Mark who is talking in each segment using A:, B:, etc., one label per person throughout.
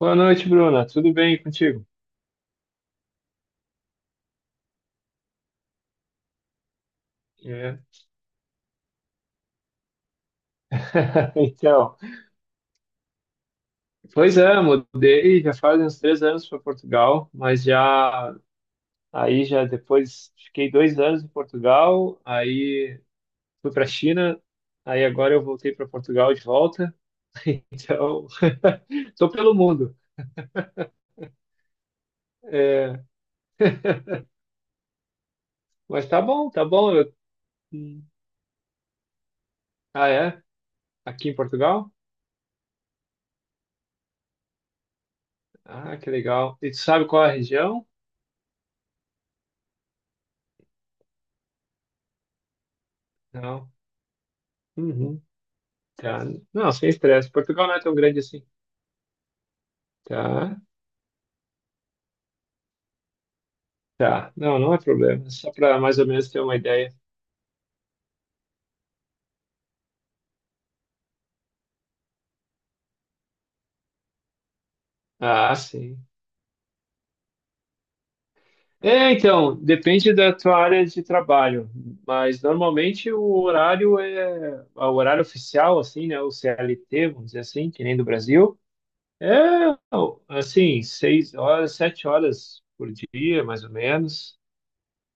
A: Boa noite, Bruna. Tudo bem contigo? É. Então, pois é, mudei já faz uns 3 anos para Portugal, mas já aí já depois fiquei 2 anos em Portugal, aí fui para a China, aí agora eu voltei para Portugal de volta. Então, tô pelo mundo. É, mas tá bom, tá bom. Ah, é? Aqui em Portugal? Ah, que legal. E tu sabe qual é a região? Não. Uhum. Tá. Não, sem estresse. Portugal não é tão grande assim. Tá, tá. Não, não é problema. Só para mais ou menos ter uma ideia. Ah, sim. É, então, depende da tua área de trabalho, mas normalmente o horário é o horário oficial, assim, né? O CLT, vamos dizer assim, que nem do Brasil. É, assim, 6 horas, 7 horas por dia, mais ou menos,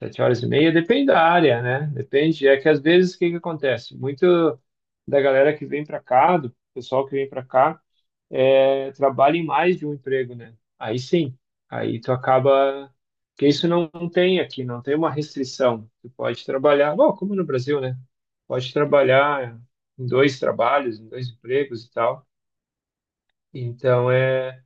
A: 7 horas e meia, depende da área, né? Depende. É que às vezes o que que acontece? Muito da galera que vem para cá, do pessoal que vem para cá é, trabalha em mais de um emprego, né? Aí sim, aí tu acaba. Porque isso não tem aqui, não tem uma restrição. Tu pode trabalhar, bom, como no Brasil, né? Pode trabalhar em dois trabalhos, em dois empregos e tal. Então é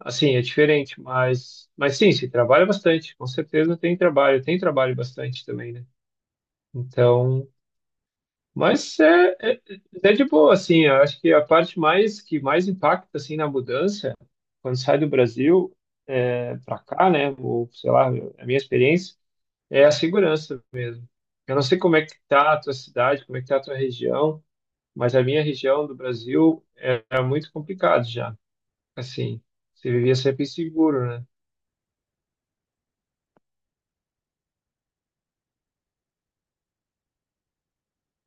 A: assim, é diferente, mas sim, se trabalha bastante, com certeza tem trabalho bastante também, né? Então, mas é de boa, assim, eu acho que a parte mais que mais impacta, assim, na mudança, quando sai do Brasil é, para cá, né, ou sei lá, a minha experiência, é a segurança. Eu não sei como é que tá a tua cidade, como é que tá a tua região, mas a minha região do Brasil é muito complicado já, assim, você vivia sempre inseguro, né?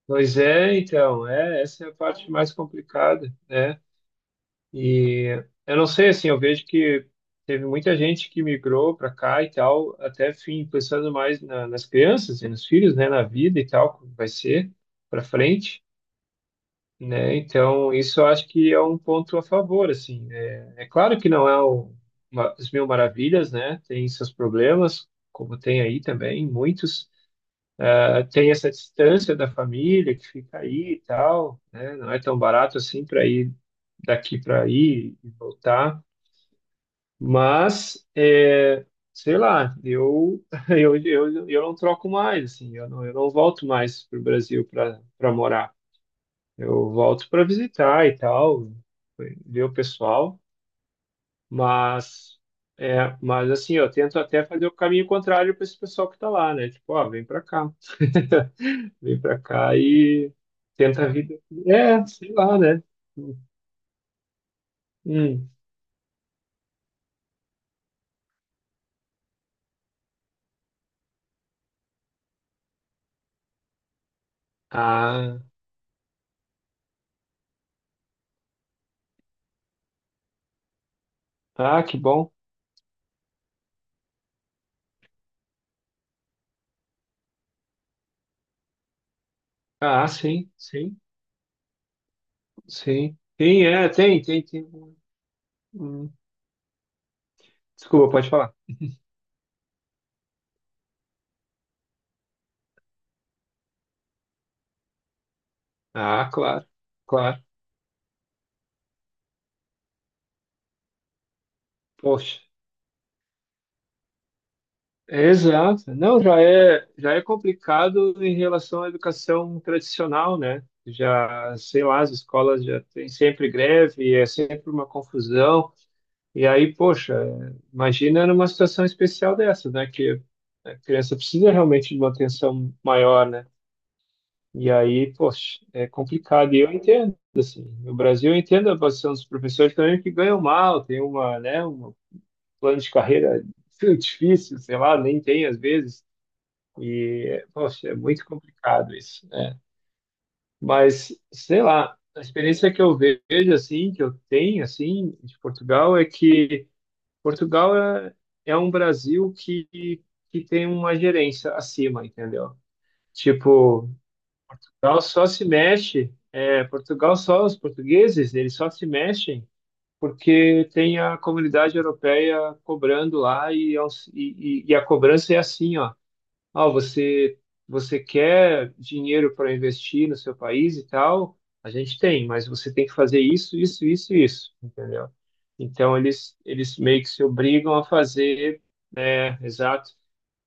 A: Pois é, então, é, essa é a parte mais complicada, né? E eu não sei, assim, eu vejo que teve muita gente que migrou para cá e tal, até fim pensando mais nas crianças e nos filhos, né, na vida e tal, como vai ser para frente, né? Então, isso eu acho que é um ponto a favor, assim. É, é claro que não é as mil maravilhas, né? Tem seus problemas, como tem aí também, muitos. Ah, tem essa distância da família que fica aí e tal, né? Não é tão barato assim para ir daqui para aí e voltar. Mas, é, sei lá, eu, eu não troco mais, assim, eu não volto mais para o Brasil para morar. Eu volto para visitar e tal, ver o pessoal, mas, é, mas assim, eu tento até fazer o caminho contrário para esse pessoal que está lá, né? Tipo, ó, vem para cá, vem para cá e tenta a vida. É, sei lá, né? Hum. Ah, ah, que bom. Ah, sim, sim. Sim, sim é, tem, tem, tem. Hum, Desculpa, pode falar. Ah, claro, claro. Poxa. É, exato. Não, já é complicado em relação à educação tradicional, né? Já, sei lá, as escolas já têm sempre greve, é sempre uma confusão. E aí, poxa, imagina numa situação especial dessa, né? Que a criança precisa realmente de uma atenção maior, né? E aí, poxa, é complicado. E eu entendo, assim, no Brasil eu entendo a posição dos professores também que ganham mal, tem um plano de carreira difícil, sei lá, nem tem às vezes. E, poxa, é muito complicado isso, né? Mas, sei lá, a experiência que eu vejo, assim, que eu tenho, assim, de Portugal é que Portugal é um Brasil que tem uma gerência acima, entendeu? Tipo, Portugal só se mexe, é, Portugal só, os portugueses, eles só se mexem porque tem a comunidade europeia cobrando lá e, e, e a cobrança é assim, ó, ah, você quer dinheiro para investir no seu país e tal, a gente tem, mas você tem que fazer isso, isso, isso, isso, entendeu? Então eles meio que se obrigam a fazer, é, exato.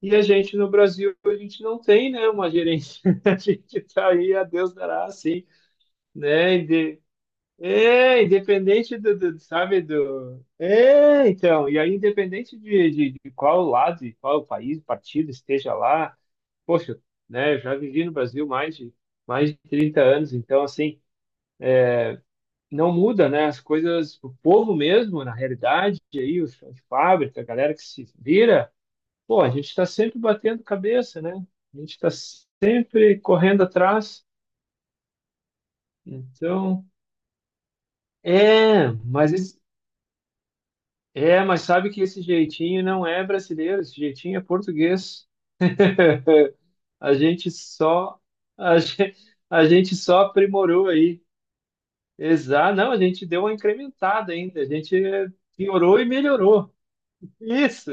A: E a gente no Brasil, a gente não tem, né, uma gerência. A gente tá aí, a Deus dará, assim, né? É, independente do, sabe, do... É, então, e aí independente de qual lado, de qual país, partido esteja lá, poxa, né, eu já vivi no Brasil mais de 30 anos, então assim, não muda, né, as coisas, o povo mesmo, na realidade, aí os chão de fábrica, a galera que se vira, pô, a gente está sempre batendo cabeça, né? A gente está sempre correndo atrás. Então, é, mas sabe que esse jeitinho não é brasileiro, esse jeitinho é português. A gente só a gente, a gente só aprimorou aí. Exato, não, a gente deu uma incrementada ainda, a gente piorou e melhorou. Isso,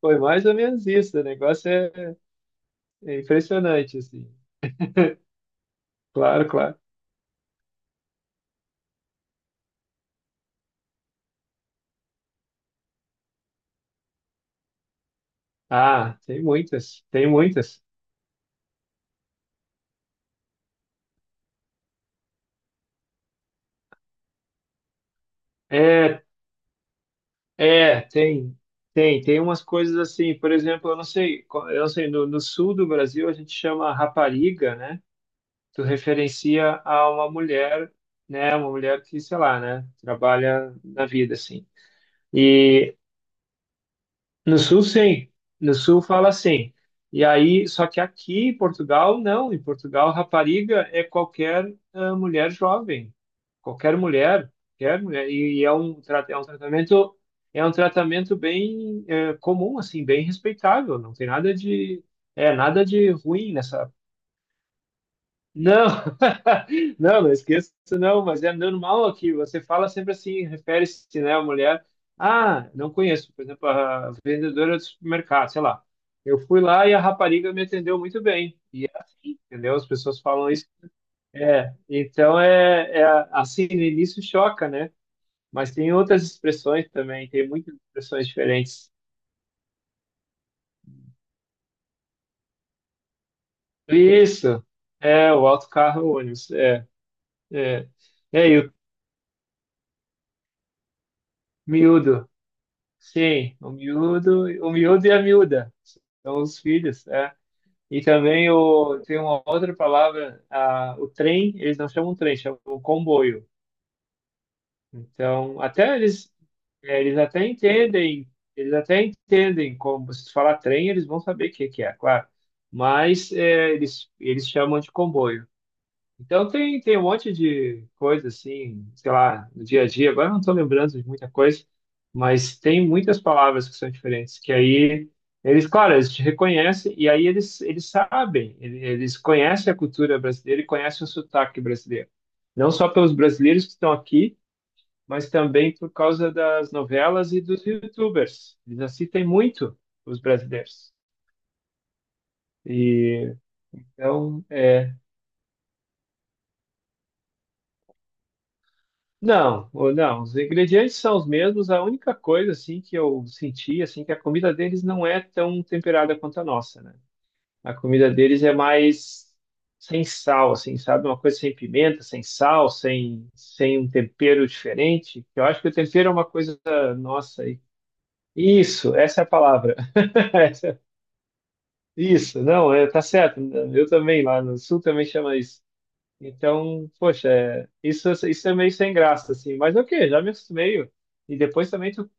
A: foi mais ou menos isso, o negócio é impressionante, assim. Claro, claro. Ah, tem muitas, tem muitas. É, é, tem umas coisas assim, por exemplo, eu não sei, no sul do Brasil a gente chama rapariga, né? Tu referencia a uma mulher, né? Uma mulher que, sei lá, né? Trabalha na vida, assim. E no sul, sim. No sul fala assim. E aí, só que aqui em Portugal, não. Em Portugal, rapariga é qualquer mulher jovem. Qualquer mulher, qualquer mulher. E, é um tratamento bem comum, assim, bem respeitável. Não tem nada de, é, nada de ruim nessa não, não, não esqueça, não, mas é normal aqui. Você fala sempre assim, refere-se, né, à mulher. Ah, não conheço, por exemplo, a vendedora do supermercado, sei lá. Eu fui lá e a rapariga me atendeu muito bem. E é assim, entendeu? As pessoas falam isso. É, então é assim, no início choca, né? Mas tem outras expressões também, tem muitas expressões diferentes. Isso, é, o autocarro, o ônibus, é, é, e o miúdo. Sim, o miúdo e a miúda são os filhos, é. E também tem uma outra palavra, o trem, eles não chamam trem, chamam comboio. Então, até eles, é, eles até entendem como você falar trem, eles vão saber o que que é, claro. Mas é, eles chamam de comboio. Então tem um monte de coisa assim, sei lá, no dia a dia. Agora eu não estou lembrando de muita coisa, mas tem muitas palavras que são diferentes, que aí eles, claro, eles te reconhecem e aí eles, sabem, eles conhecem a cultura brasileira e conhecem o sotaque brasileiro. Não só pelos brasileiros que estão aqui, mas também por causa das novelas e dos YouTubers. Eles assistem muito os brasileiros. E então, é, não, não, os ingredientes são os mesmos. A única coisa assim que eu senti assim que a comida deles não é tão temperada quanto a nossa, né? A comida deles é mais sem sal, assim, sabe? Uma coisa sem pimenta, sem sal, sem um tempero diferente. Eu acho que o tempero é uma coisa nossa aí. Isso, essa é a palavra. Essa- Isso, não, é, tá certo. Eu também lá no sul também chama isso. Então, poxa, é, isso é meio sem graça, assim. Mas ok, já me acostumei. E depois também tu,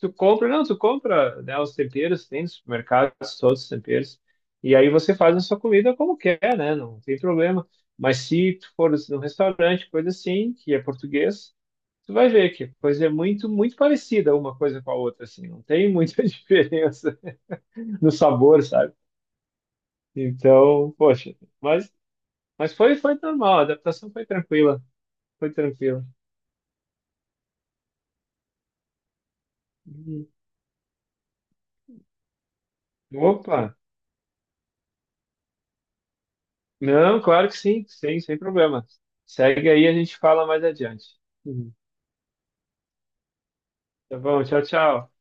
A: tu compra, não, tu compra, né, os temperos, tem no supermercado todos os temperos. E aí você faz a sua comida como quer, né? Não tem problema. Mas se tu for num restaurante, coisa assim, que é português, tu vai ver que a coisa é muito, muito parecida uma coisa com a outra, assim. Não tem muita diferença no sabor, sabe? Então, poxa, mas, foi normal, a adaptação foi tranquila, foi tranquila. Uhum. Opa! Não, claro que sim, sim, sem problema. Segue aí, a gente fala mais adiante. Uhum. Tá bom, tchau, tchau.